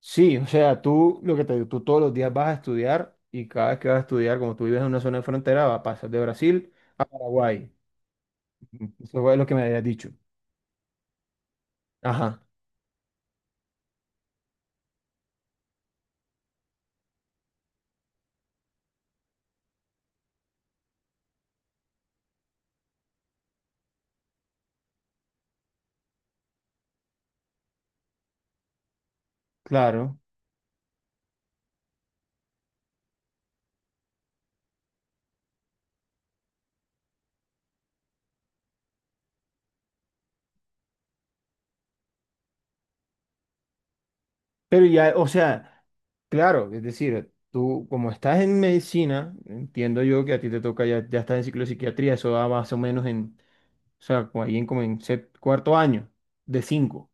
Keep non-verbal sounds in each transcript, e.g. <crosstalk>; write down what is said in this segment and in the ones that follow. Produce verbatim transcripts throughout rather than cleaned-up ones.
Sí, o sea, tú lo que te digo, tú todos los días vas a estudiar y cada vez que vas a estudiar, como tú vives en una zona de frontera, vas a pasar de Brasil a Paraguay. Eso fue lo que me habías dicho. Ajá, claro. Pero ya, o sea, claro, es decir, tú como estás en medicina, entiendo yo que a ti te toca, ya, ya estás en ciclo de psiquiatría, eso va más o menos en, o sea, como ahí en como en sep- cuarto año de cinco.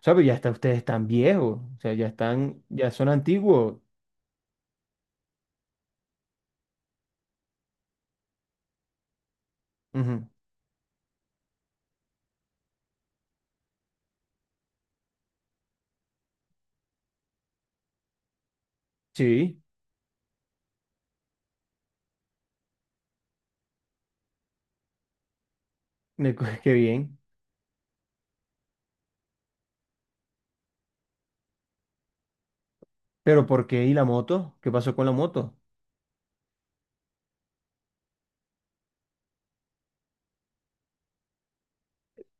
O sea, pero ya está, ustedes están viejos, o sea, ya están, ya son antiguos. Ujú, sí, me- cu- <laughs> qué bien. Pero ¿por qué? ¿Y la moto? ¿Qué pasó con la moto?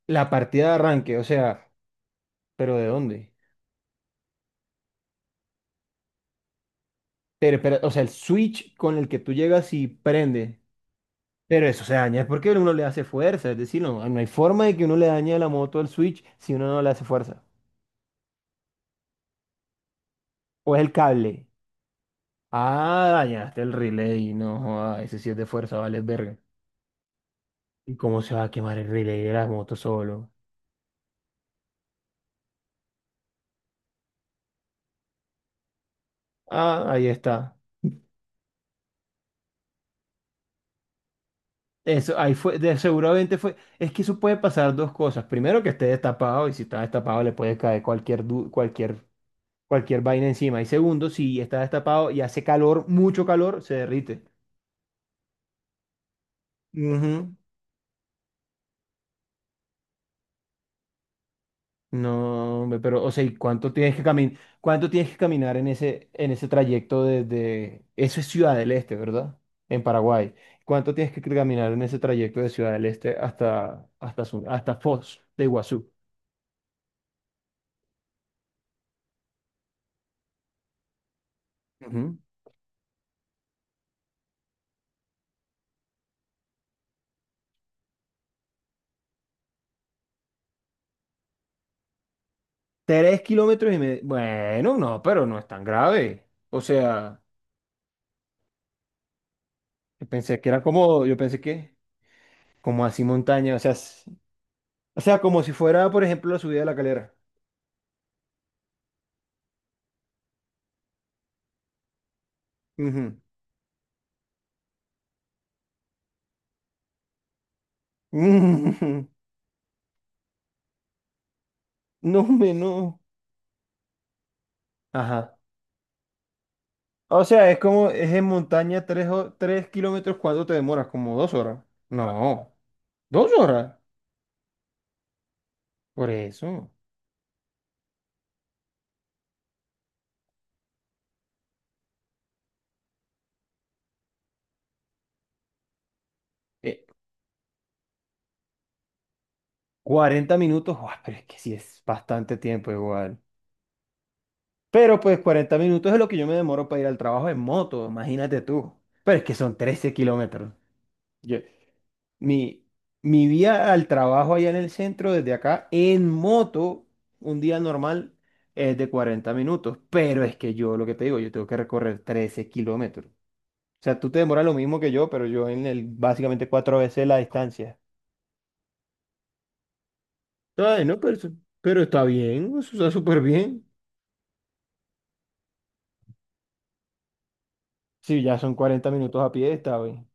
La partida de arranque, o sea, ¿pero de dónde? Pero, pero, o sea, el switch con el que tú llegas y prende. Pero eso se daña, es porque uno le hace fuerza, es decir, no, no hay forma de que uno le dañe a la moto el switch si uno no le hace fuerza. O es el cable. Ah, dañaste el relay, no, joda, ese sí es de fuerza, vale, verga. ¿Y cómo se va a quemar el relay de la moto solo? Ah, ahí está. Eso, ahí fue, de- seguramente fue, es que eso puede pasar dos cosas. Primero, que esté destapado y si está destapado le puede caer cualquier, du- cualquier, cualquier vaina encima. Y segundo, si está destapado y hace calor, mucho calor, se derrite. Ujú. No, hombre, pero, o sea, ¿y cuánto tienes que caminar? ¿Cuánto tienes que caminar en ese, en ese trayecto desde... Eso es Ciudad del Este, ¿verdad? En Paraguay. ¿Cuánto tienes que caminar en ese trayecto de Ciudad del Este hasta, hasta, Su- hasta Foz de Iguazú? Ujú. Tres kilómetros y medio. Bueno, no, pero no es tan grave. O sea, yo pensé que era como, yo pensé que, como así montaña, o sea, s- o sea, como si fuera, por ejemplo, la subida de la Calera. Ujú. Ujú. <laughs> No, me no. Ajá. O sea, es como, es en montaña tres, ho- tres kilómetros, ¿cuánto te demoras? ¿Como dos horas? No, dos horas. Por eso. Eh, cuarenta minutos, guau, pero es que sí es bastante tiempo igual. Pero pues cuarenta minutos es lo que yo me demoro para ir al trabajo en moto, imagínate tú. Pero es que son trece kilómetros. Yo- mi, mi vía al trabajo allá en el centro, desde acá, en moto, un día normal es de cuarenta minutos. Pero es que yo, lo que te digo, yo tengo que recorrer trece kilómetros. O sea, tú te demoras lo mismo que yo, pero yo en el, básicamente cuatro veces la distancia. Ay, no, pero, eso- pero está bien, eso está súper bien. Sí, ya son cuarenta minutos a pie, está bien.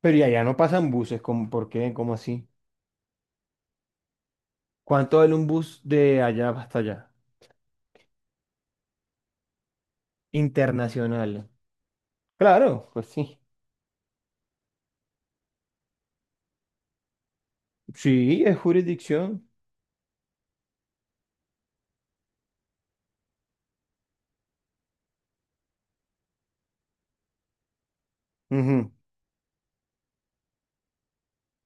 Pero y allá no pasan buses, ¿cómo, por qué? ¿Cómo así? ¿Cuánto vale un bus de allá hasta allá? Internacional. Claro, pues sí. Sí, es jurisdicción. Ujú.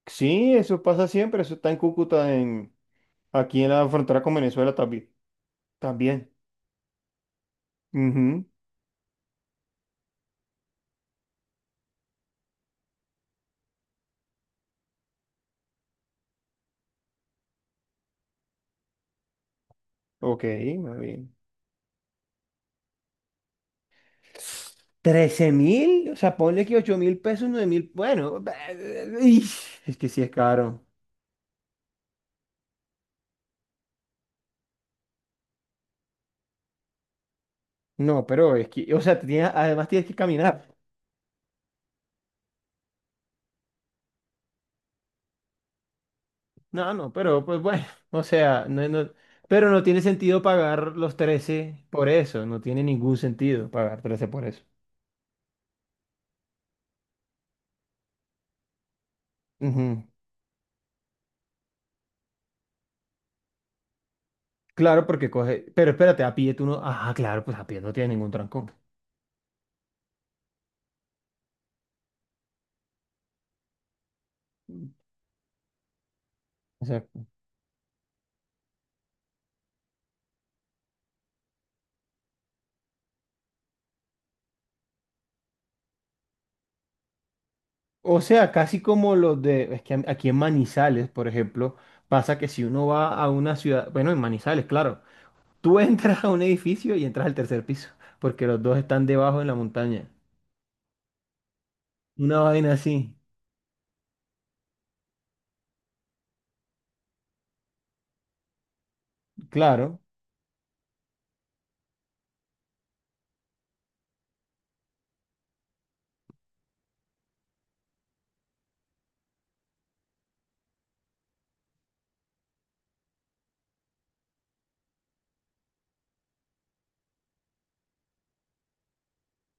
Sí, eso pasa siempre, eso está en Cúcuta, en, aquí en la frontera con Venezuela también. También. Ujú. Ok, muy bien. Trece mil, o sea, ponle que ocho mil pesos, nueve mil, bueno, <laughs> es que sí es caro. No, pero es que, o sea, te tienes- además tienes que caminar. No, no, pero pues bueno, <laughs> o sea, no, no- pero no tiene sentido pagar los trece por eso, no tiene ningún sentido pagar trece por eso. Ujú. Claro, porque coge, pero espérate, a pie tú no, ah, claro, pues a pie no tiene ningún trancón. Exacto. O sea, casi como los de, es que a- aquí en Manizales, por ejemplo, pasa que si uno va a una ciudad, bueno, en Manizales, claro, tú <laughs> entras a un edificio y entras al tercer piso, porque los dos están debajo en la montaña. Una vaina así, claro.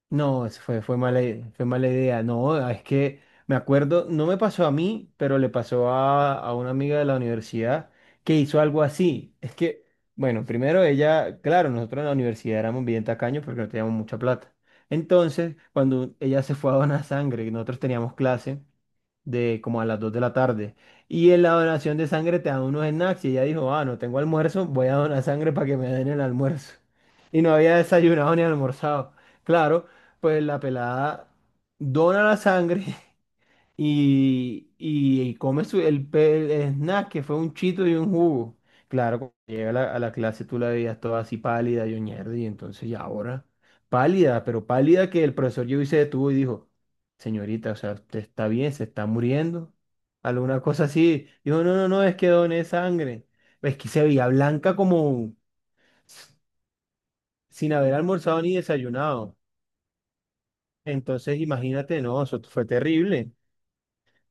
No, eso fue, fue mala, i- fue mala idea. No, ah, es que me acuerdo, no me pasó a mí, pero le pasó a, a una amiga de la universidad que hizo algo así. Es que, bueno, primero ella, claro, nosotros en la universidad éramos bien tacaños porque no teníamos mucha plata. Entonces, cuando ella se fue a donar sangre y nosotros teníamos clase, de como a las dos de la tarde. Y en la donación de sangre te dan unos snacks y ella dijo, ah, no tengo almuerzo, voy a donar sangre para que me den el almuerzo. <laughs> Y no había desayunado ni almorzado. Claro, pues la pelada dona la sangre y, y come su, el, pe- el snack que fue un chito y un jugo. Claro, cuando llega a la, a la clase tú la veías toda así pálida y ñerde, y entonces ya ahora, pálida, pero pálida que el profesor llegó y se detuvo y dijo, señorita, o sea, usted está bien, se está muriendo, alguna cosa así. Dijo, no, no, no, es que doné sangre. Es que se veía blanca como sin haber almorzado ni desayunado. Entonces, imagínate, no, eso fue terrible.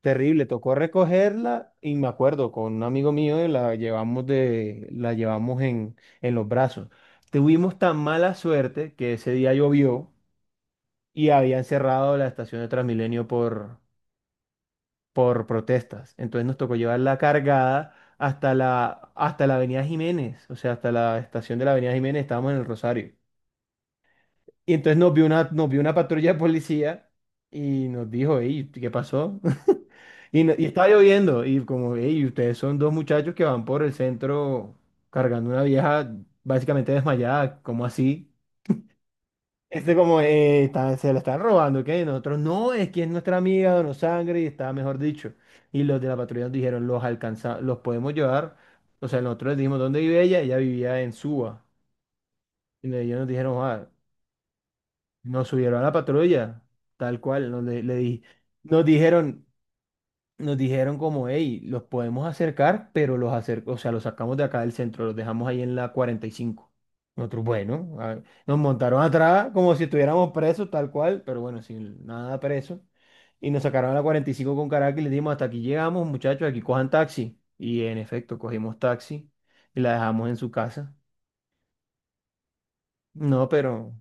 Terrible, tocó recogerla y me acuerdo, con un amigo mío y la llevamos, de, la llevamos en, en los brazos. Tuvimos tan mala suerte que ese día llovió y habían cerrado la estación de Transmilenio por, por protestas. Entonces nos tocó llevarla cargada hasta la, hasta la Avenida Jiménez, o sea, hasta la estación de la Avenida Jiménez, estábamos en el Rosario. Y entonces nos vio una, nos vio una patrulla de policía y nos dijo, hey, ¿qué pasó? <laughs> Y, no- y estaba lloviendo y como, hey, ustedes son dos muchachos que van por el centro cargando una vieja básicamente desmayada, ¿cómo así? Este como, "Eh, está- se la están robando, ¿qué? Y nosotros, no, es que es nuestra amiga, donó sangre y está, mejor dicho. Y los de la patrulla nos dijeron, los alcanza, los podemos llevar. O sea, nosotros les dijimos dónde vive ella, ella vivía en Suba. Y ellos nos dijeron, ah, nos subieron a la patrulla, tal cual, nos, le, le di- nos dijeron, nos dijeron como, hey, los podemos acercar, pero los acer- o sea, los sacamos de acá del centro, los dejamos ahí en la cuarenta y cinco. Nosotros, bueno, a- nos montaron atrás como si estuviéramos presos, tal cual, pero bueno, sin nada preso. Y nos sacaron a la cuarenta y cinco con Caracas y les dimos, hasta aquí llegamos, muchachos, aquí cojan taxi. Y en efecto, cogimos taxi y la dejamos en su casa. No, pero.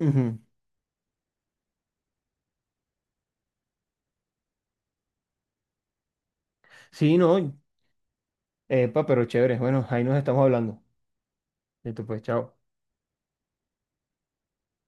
Ujú. Sí, no. Epa, pero chévere. Bueno, ahí nos estamos hablando. Listo, pues, chao.